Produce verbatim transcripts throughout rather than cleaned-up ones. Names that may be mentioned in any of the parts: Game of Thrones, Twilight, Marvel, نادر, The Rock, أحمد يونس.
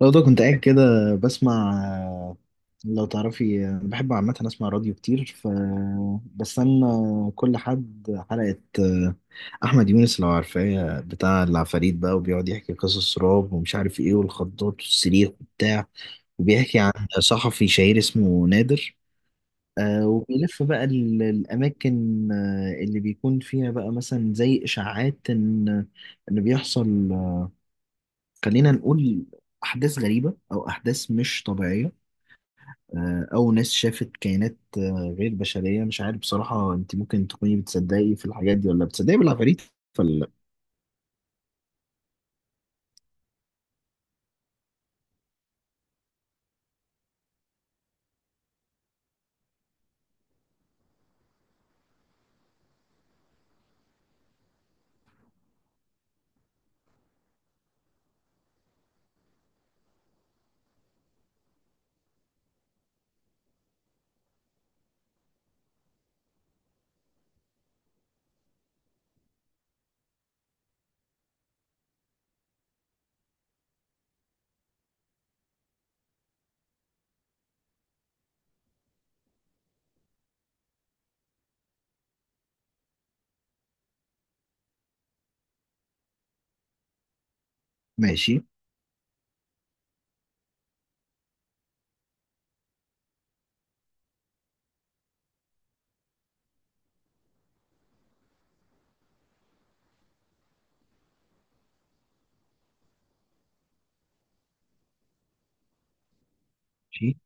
لو ده كنت قاعد كده بسمع. لو تعرفي أنا بحب عامة أسمع راديو كتير، ف بستنى كل حد حلقة. أحمد يونس لو عارفاه بتاع العفاريت بقى، وبيقعد يحكي قصص رعب ومش عارف إيه والخضات والصريخ وبتاع، وبيحكي عن صحفي شهير اسمه نادر. آه، وبيلف بقى ال- الأماكن آه، اللي بيكون فيها بقى، مثلا زي إشاعات إن إن بيحصل، خلينا نقول، أحداث غريبة أو أحداث مش طبيعية. آه، أو ناس شافت كائنات آه، غير بشرية. مش عارف بصراحة، أنت ممكن تكوني بتصدقي في الحاجات دي ولا بتصدقي بالعفاريت ولا لأ؟ ماشي ماشي.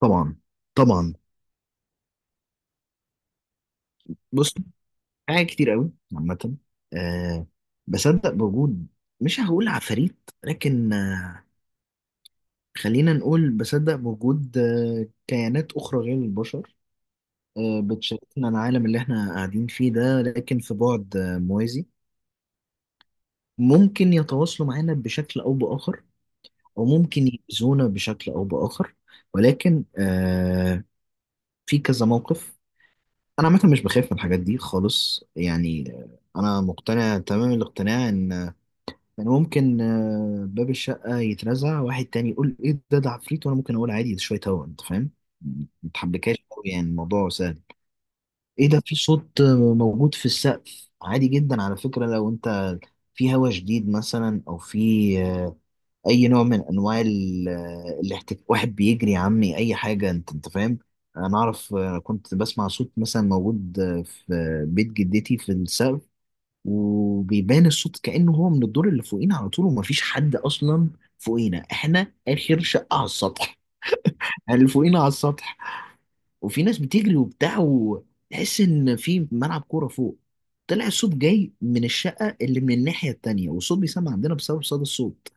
طبعا طبعا. بص، حاجات كتير قوي عامة. أه، بصدق بوجود، مش هقول عفاريت، لكن آه، خلينا نقول بصدق بوجود آه، كيانات أخرى غير البشر، آه، بتشاركنا العالم اللي احنا قاعدين فيه ده، لكن في بعد آه، موازي، ممكن يتواصلوا معانا بشكل أو بآخر، أو ممكن يأذونا بشكل أو بآخر. ولكن آه في كذا موقف، أنا عامة مش بخاف من الحاجات دي خالص يعني. آه، أنا مقتنع تمام الاقتناع إن إن ممكن آه باب الشقة يترزع، واحد تاني يقول إيه ده ده عفريت، وأنا ممكن أقول عادي، ده شوية هوا. أنت فاهم؟ متحبكاش أوي، يعني الموضوع سهل. إيه ده، في صوت آه، موجود في السقف، عادي جدا على فكرة. لو أنت في هوا شديد مثلا، أو في آه، اي نوع من انواع ال- الاحتكاك، واحد بيجري يا عمي اي حاجه. انت انت فاهم؟ انا اعرف، آه، كنت بسمع صوت مثلا موجود آه، في بيت جدتي في السقف، وبيبان الصوت كانه هو من الدور اللي فوقينا على طول، ومفيش حد اصلا فوقينا. احنا اخر شقه على السطح. يعني اللي فوقينا على السطح، وفي ناس بتجري وبتاع وتحس ان في ملعب كوره فوق. طلع الصوت جاي من الشقه اللي من الناحيه التانيه، والصوت بيسمع عندنا بسبب صدى الصوت.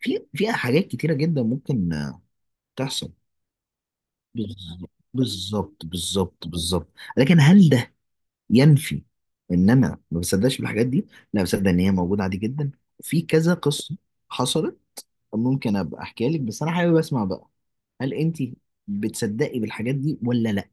في فيها حاجات كتيرة جدا ممكن آه، تحصل. بز- بالظبط بالظبط بالظبط. لكن هل ده ينفي ان انا ما بصدقش بالحاجات دي؟ لا، بصدق ان هي موجودة عادي جدا، في كذا قصة حصلت، ممكن ابقى احكيها لك. بس انا حابب اسمع بقى، هل انت بتصدقي بالحاجات دي ولا لا؟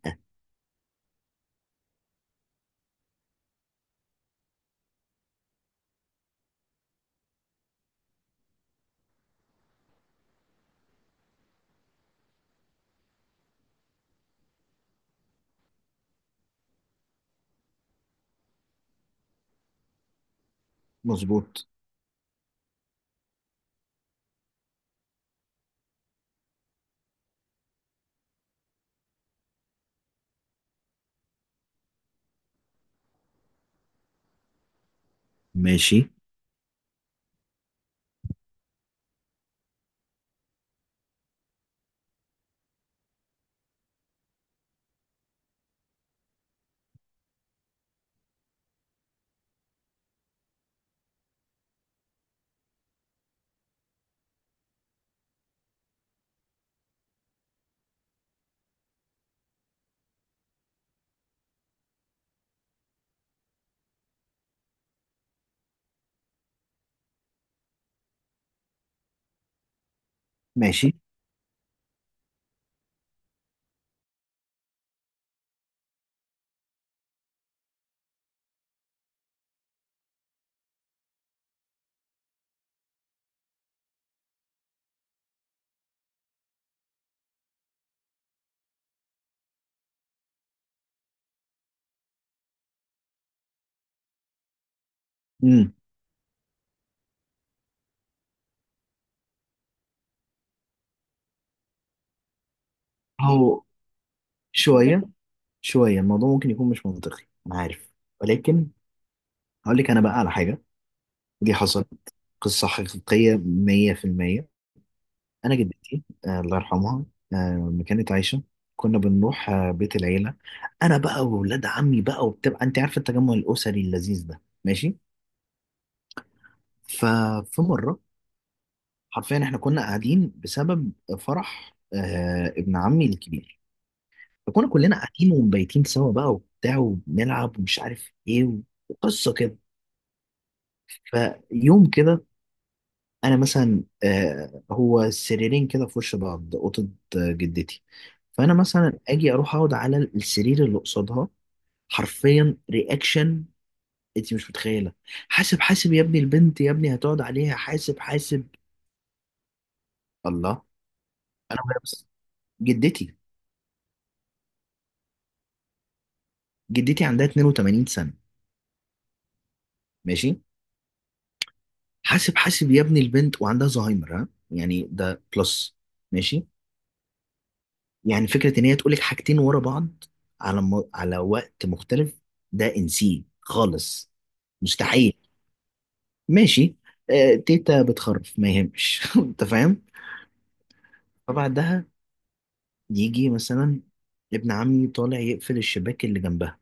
مظبوط. ماشي ماشي. امم. هو شوية شوية، الموضوع ممكن يكون مش منطقي، انا عارف. ولكن هقول لك انا بقى على حاجة، دي حصلت، قصة حقيقية مية في المية. أنا جدتي آه، الله يرحمها، آه، ما كانت عايشة، كنا بنروح آه، بيت العيلة، أنا بقى وولاد عمي بقى، وبتبقى أنت عارف التجمع الأسري اللذيذ ده. ماشي. ففي مرة، حرفيا إحنا كنا قاعدين بسبب فرح آه، ابن عمي الكبير. فكنا كلنا قاعدين ومبيتين سوا بقى وبتاع، وبنلعب ومش عارف إيه، وقصة كده. فيوم كده، انا مثلا، آه، هو سريرين كده في وش بعض، اوضه آه، جدتي. فانا مثلا اجي اروح اقعد على السرير اللي قصادها. حرفيا رياكشن، انت مش متخيله. حاسب حاسب يا ابني، البنت يا ابني هتقعد عليها، حاسب حاسب! الله! انا وهي بس. جدتي. جدتي عندها اتنين وتمانين سنه، ماشي. حاسب حاسب يا ابني البنت! وعندها زهايمر، ها؟ يعني ده بلس، ماشي. يعني فكرة إن هي تقولك حاجتين ورا بعض على م... على وقت مختلف، ده انسيه خالص. مستحيل، ماشي. آه، تيتا بتخرف ما يهمش. أنت فاهم؟ فبعدها يجي مثلا ابن عمي طالع يقفل الشباك اللي جنبها.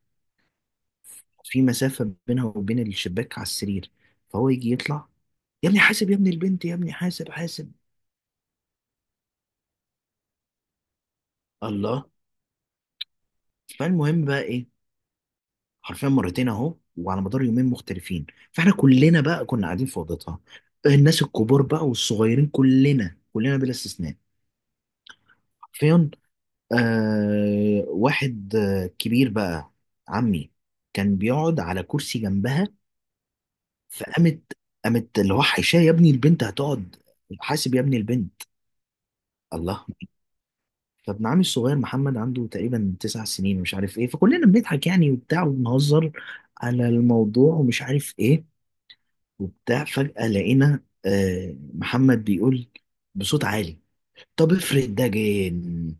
في مسافة بينها وبين الشباك على السرير. فهو يجي يطلع، يا ابني حاسب يا ابني البنت يا ابني حاسب حاسب! الله! فالمهم بقى إيه، حرفيا مرتين اهو، وعلى مدار يومين مختلفين. فاحنا كلنا بقى كنا قاعدين في اوضتها، الناس الكبار بقى والصغيرين، كلنا كلنا بلا استثناء، حرفيا. آه واحد آه كبير بقى، عمي، كان بيقعد على كرسي جنبها. فقامت، قامت اللي هو حيشاه، يا ابني البنت هتقعد، حاسب يا ابني البنت! الله! فابن عمي الصغير محمد، عنده تقريبا تسع سنين ومش عارف ايه، فكلنا بنضحك يعني وبتاع وبنهزر على الموضوع ومش عارف ايه وبتاع. فجأة لقينا آه، محمد بيقول بصوت عالي، طب افرض ده جن!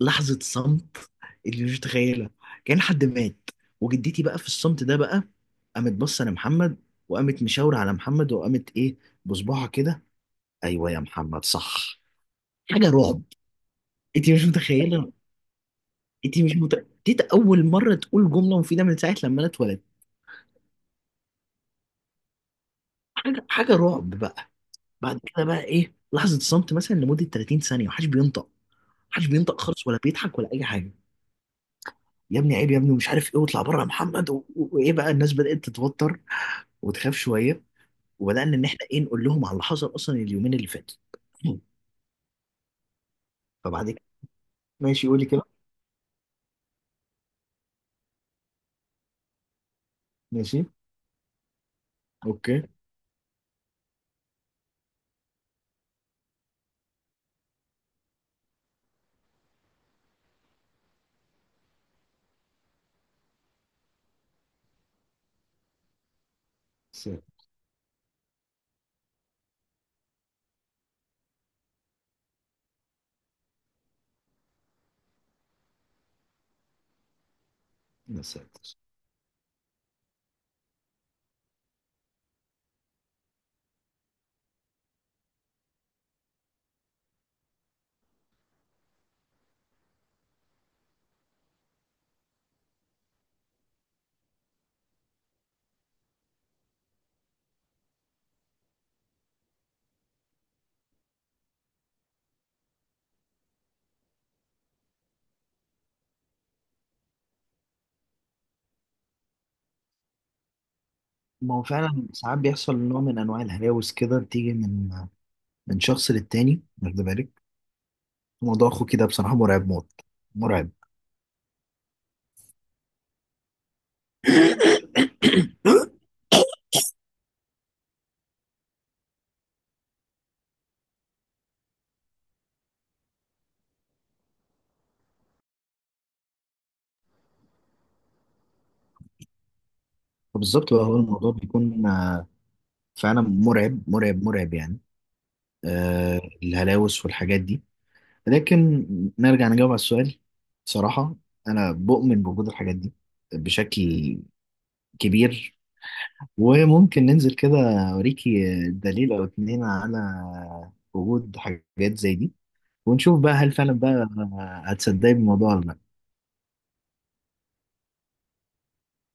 لحظة صمت اللي مش متخيلها، كان حد مات. وجدتي بقى في الصمت ده بقى، قامت بصة لمحمد، وقامت مشاورة على محمد، وقامت ايه، بصباعها كده، ايوه يا محمد صح. حاجة رعب! انت مش متخيلة. انت مش مت... دي اول مرة تقول جملة مفيدة من ساعة لما انا اتولدت. حاجة حاجة رعب بقى. بعد كده بقى ايه، لحظة صمت مثلا لمدة تلاتين ثانية، محدش بينطق، محدش بينطق خالص ولا بيضحك ولا اي حاجه. يا ابني عيب يا ابني ومش عارف ايه، واطلع بره يا محمد، و- و- وايه بقى، الناس بدات تتوتر وتخاف شويه، وبدانا ان احنا ايه نقول لهم على اللي حصل اصلا اليومين اللي فاتوا. فبعد كده ماشي، قولي كده. ماشي. اوكي. ساتر. يا ساتر. ما هو فعلا ساعات بيحصل نوع من انواع الهلاوس كده بتيجي من من شخص للتاني، واخد بالك. موضوع اخو كده بصراحه مرعب موت، مرعب. فبالظبط بقى، هو الموضوع بيكون آه، فعلا مرعب مرعب مرعب يعني. آه، الهلاوس والحاجات دي، لكن نرجع نجاوب على السؤال. صراحة، أنا بؤمن بوجود الحاجات دي بشكل كبير، وممكن ننزل كده أوريكي دليل أو اتنين على وجود حاجات زي دي، ونشوف بقى هل فعلا بقى هتصدقي بالموضوع ولا لأ